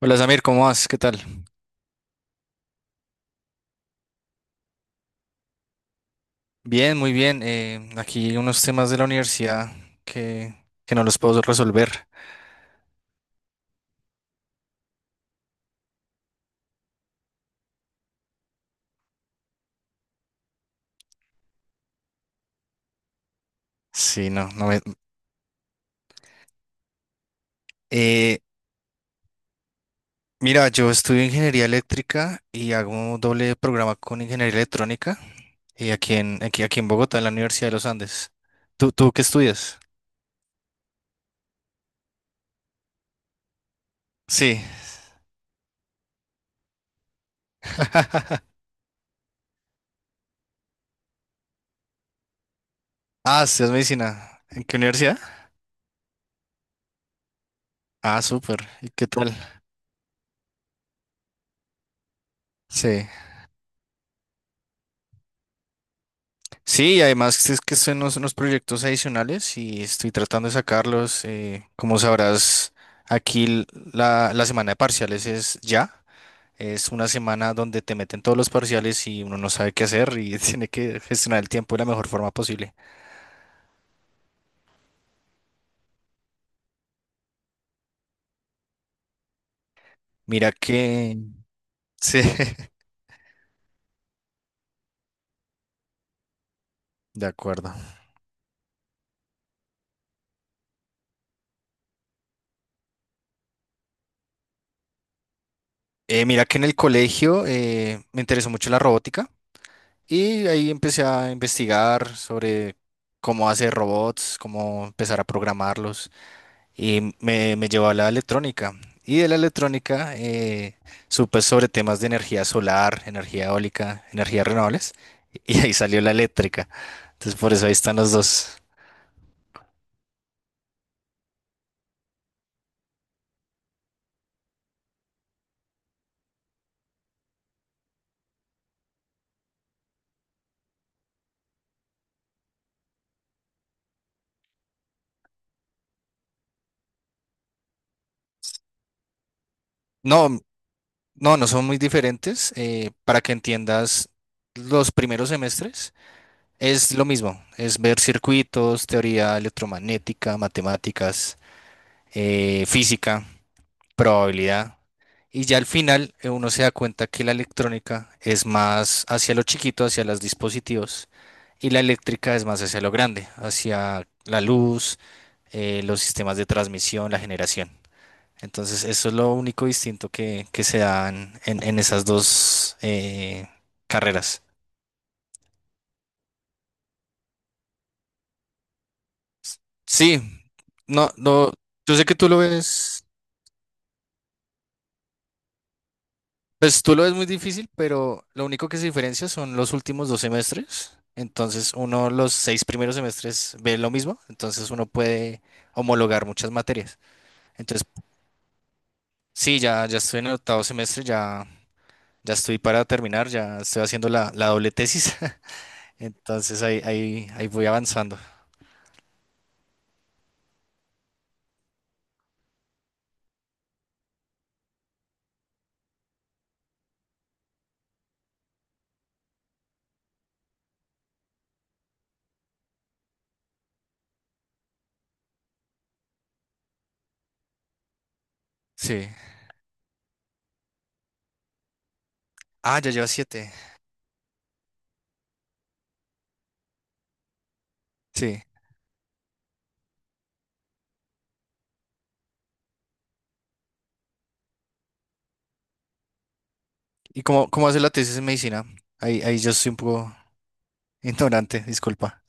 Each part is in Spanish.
Hola Samir, ¿cómo vas? ¿Qué tal? Bien, muy bien. Aquí unos temas de la universidad que, que no los puedo resolver. Sí, no, no me... eh, Mira, yo estudio ingeniería eléctrica y hago doble programa con ingeniería electrónica y aquí en Bogotá, en la Universidad de los Andes. ¿Tú ¿qué estudias? Sí. Ah, estudias medicina. ¿En qué universidad? Ah, súper. ¿Y qué tal? Sí. Sí, y además es que son unos proyectos adicionales y estoy tratando de sacarlos. Como sabrás, aquí l- la semana de parciales es ya. Es una semana donde te meten todos los parciales y uno no sabe qué hacer y tiene que gestionar el tiempo de la mejor forma posible. Mira que... Sí, de acuerdo. Mira que en el colegio me interesó mucho la robótica y ahí empecé a investigar sobre cómo hacer robots, cómo empezar a programarlos. Y me llevó a la electrónica. Y de la electrónica supe sobre temas de energía solar, energía eólica, energías renovables, y ahí salió la eléctrica. Entonces por eso ahí están los dos. No, no, no son muy diferentes. Para que entiendas los primeros semestres, es lo mismo, es ver circuitos, teoría electromagnética, matemáticas, física, probabilidad. Y ya al final uno se da cuenta que la electrónica es más hacia lo chiquito, hacia los dispositivos, y la eléctrica es más hacia lo grande, hacia la luz, los sistemas de transmisión, la generación. Entonces, eso es lo único distinto que se dan en esas dos carreras. Sí, no, no, yo sé que tú lo ves. Pues tú lo ves muy difícil, pero lo único que se diferencia son los últimos dos semestres. Entonces, uno, los seis primeros semestres ve lo mismo, entonces uno puede homologar muchas materias. Entonces, sí, ya estoy en el octavo semestre, ya estoy para terminar, ya estoy haciendo la doble tesis. Entonces, ahí voy avanzando. Sí. Ah, ya lleva siete. Sí. ¿Y cómo, cómo hace la tesis en medicina? Ahí yo soy un poco ignorante, disculpa.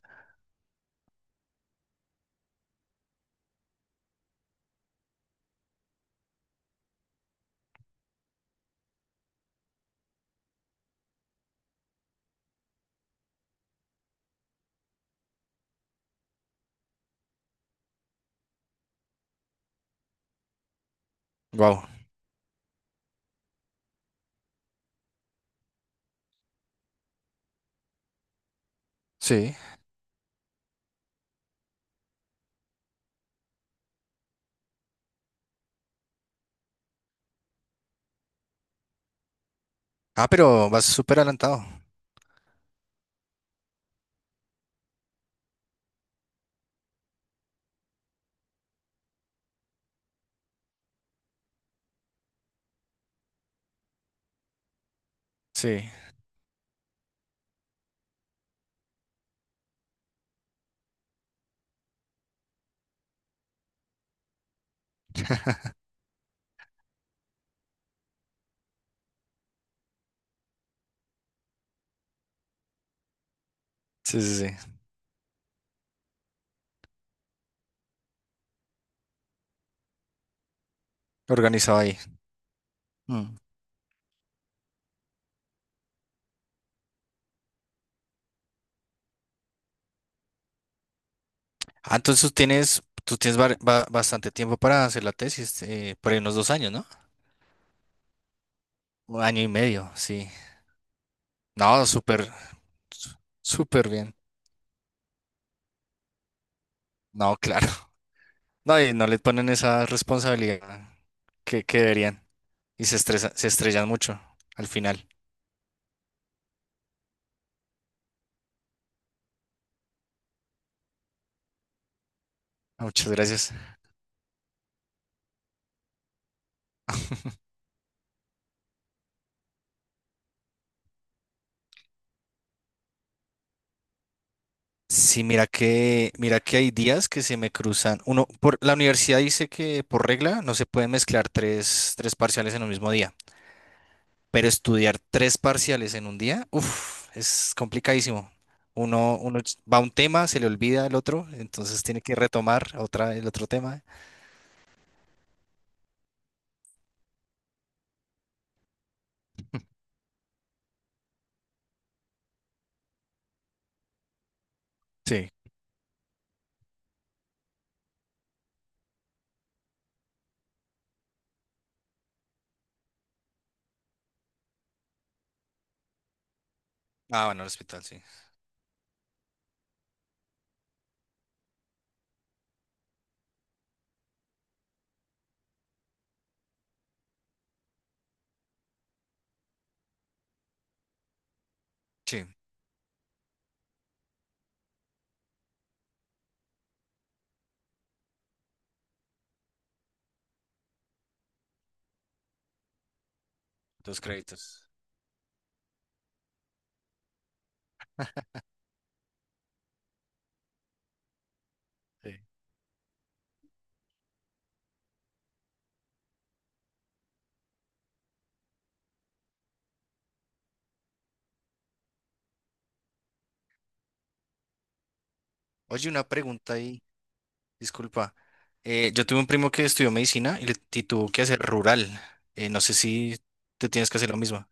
Wow. Sí. Ah, pero vas súper adelantado. Sí. Sí, sí, sí. Organizado ahí. Mm. Ah, entonces tú tienes bastante tiempo para hacer la tesis, por ahí unos dos años, ¿no? Un año y medio, sí. No, súper, su- súper bien. No, claro. No, y no le ponen esa responsabilidad que deberían. Y se estrellan mucho al final. Ah, muchas gracias. Sí, mira que hay días que se me cruzan. Uno, por la universidad dice que por regla no se pueden mezclar tres parciales en un mismo día. Pero estudiar tres parciales en un día, uff, es complicadísimo. Va a un tema, se le olvida el otro, entonces tiene que retomar otra, el otro tema. Sí. Ah, bueno, el hospital, sí. Sí, dos créditos. Sí. Oye, una pregunta ahí, disculpa. Yo tuve un primo que estudió medicina y tuvo que hacer rural. No sé si te tienes que hacer lo mismo.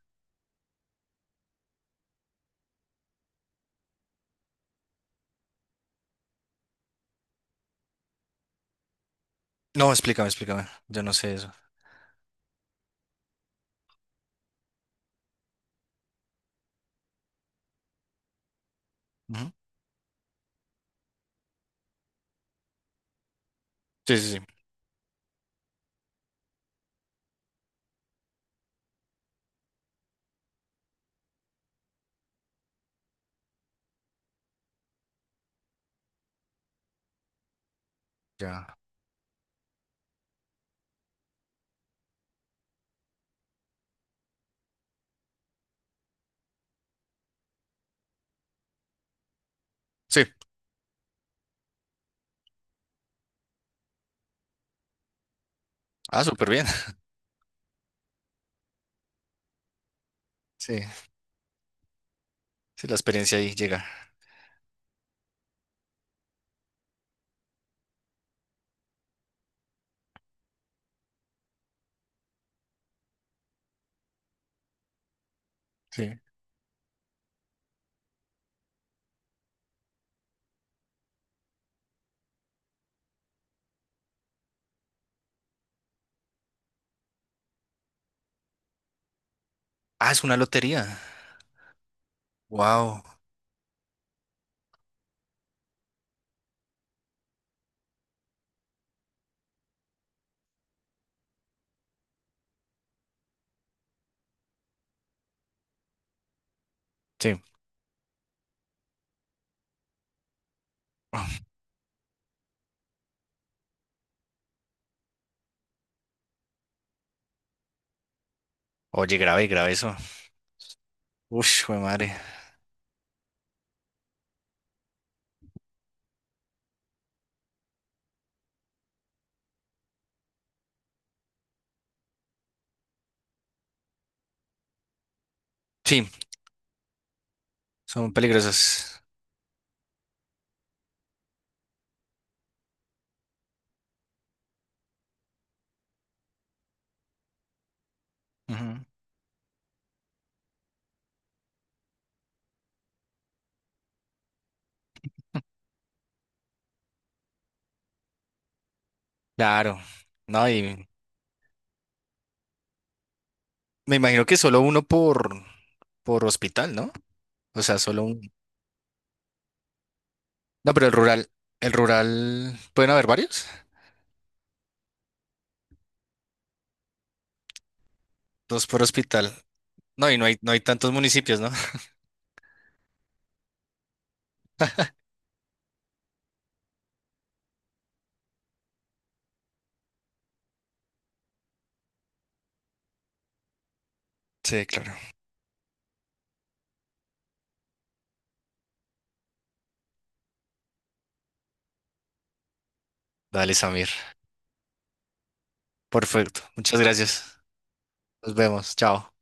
No, explícame, explícame. Yo no sé eso. Ujú. Sí, sí, sí. Ya. Sí. Ah, súper bien. Sí, sí, la experiencia ahí llega. Sí. Ah, es una lotería. Wow. Sí. Oye, grave, grave eso. Uf, jue madre. Sí, son peligrosas. Ujú. Claro. No, y me imagino que solo uno por hospital, ¿no? O sea, solo un. No, pero el rural, ¿pueden haber varios? Dos por hospital. No, y no hay, no hay tantos municipios, ¿no? Sí, claro. Dale, Samir. Perfecto. Muchas gracias. Nos vemos. Chao.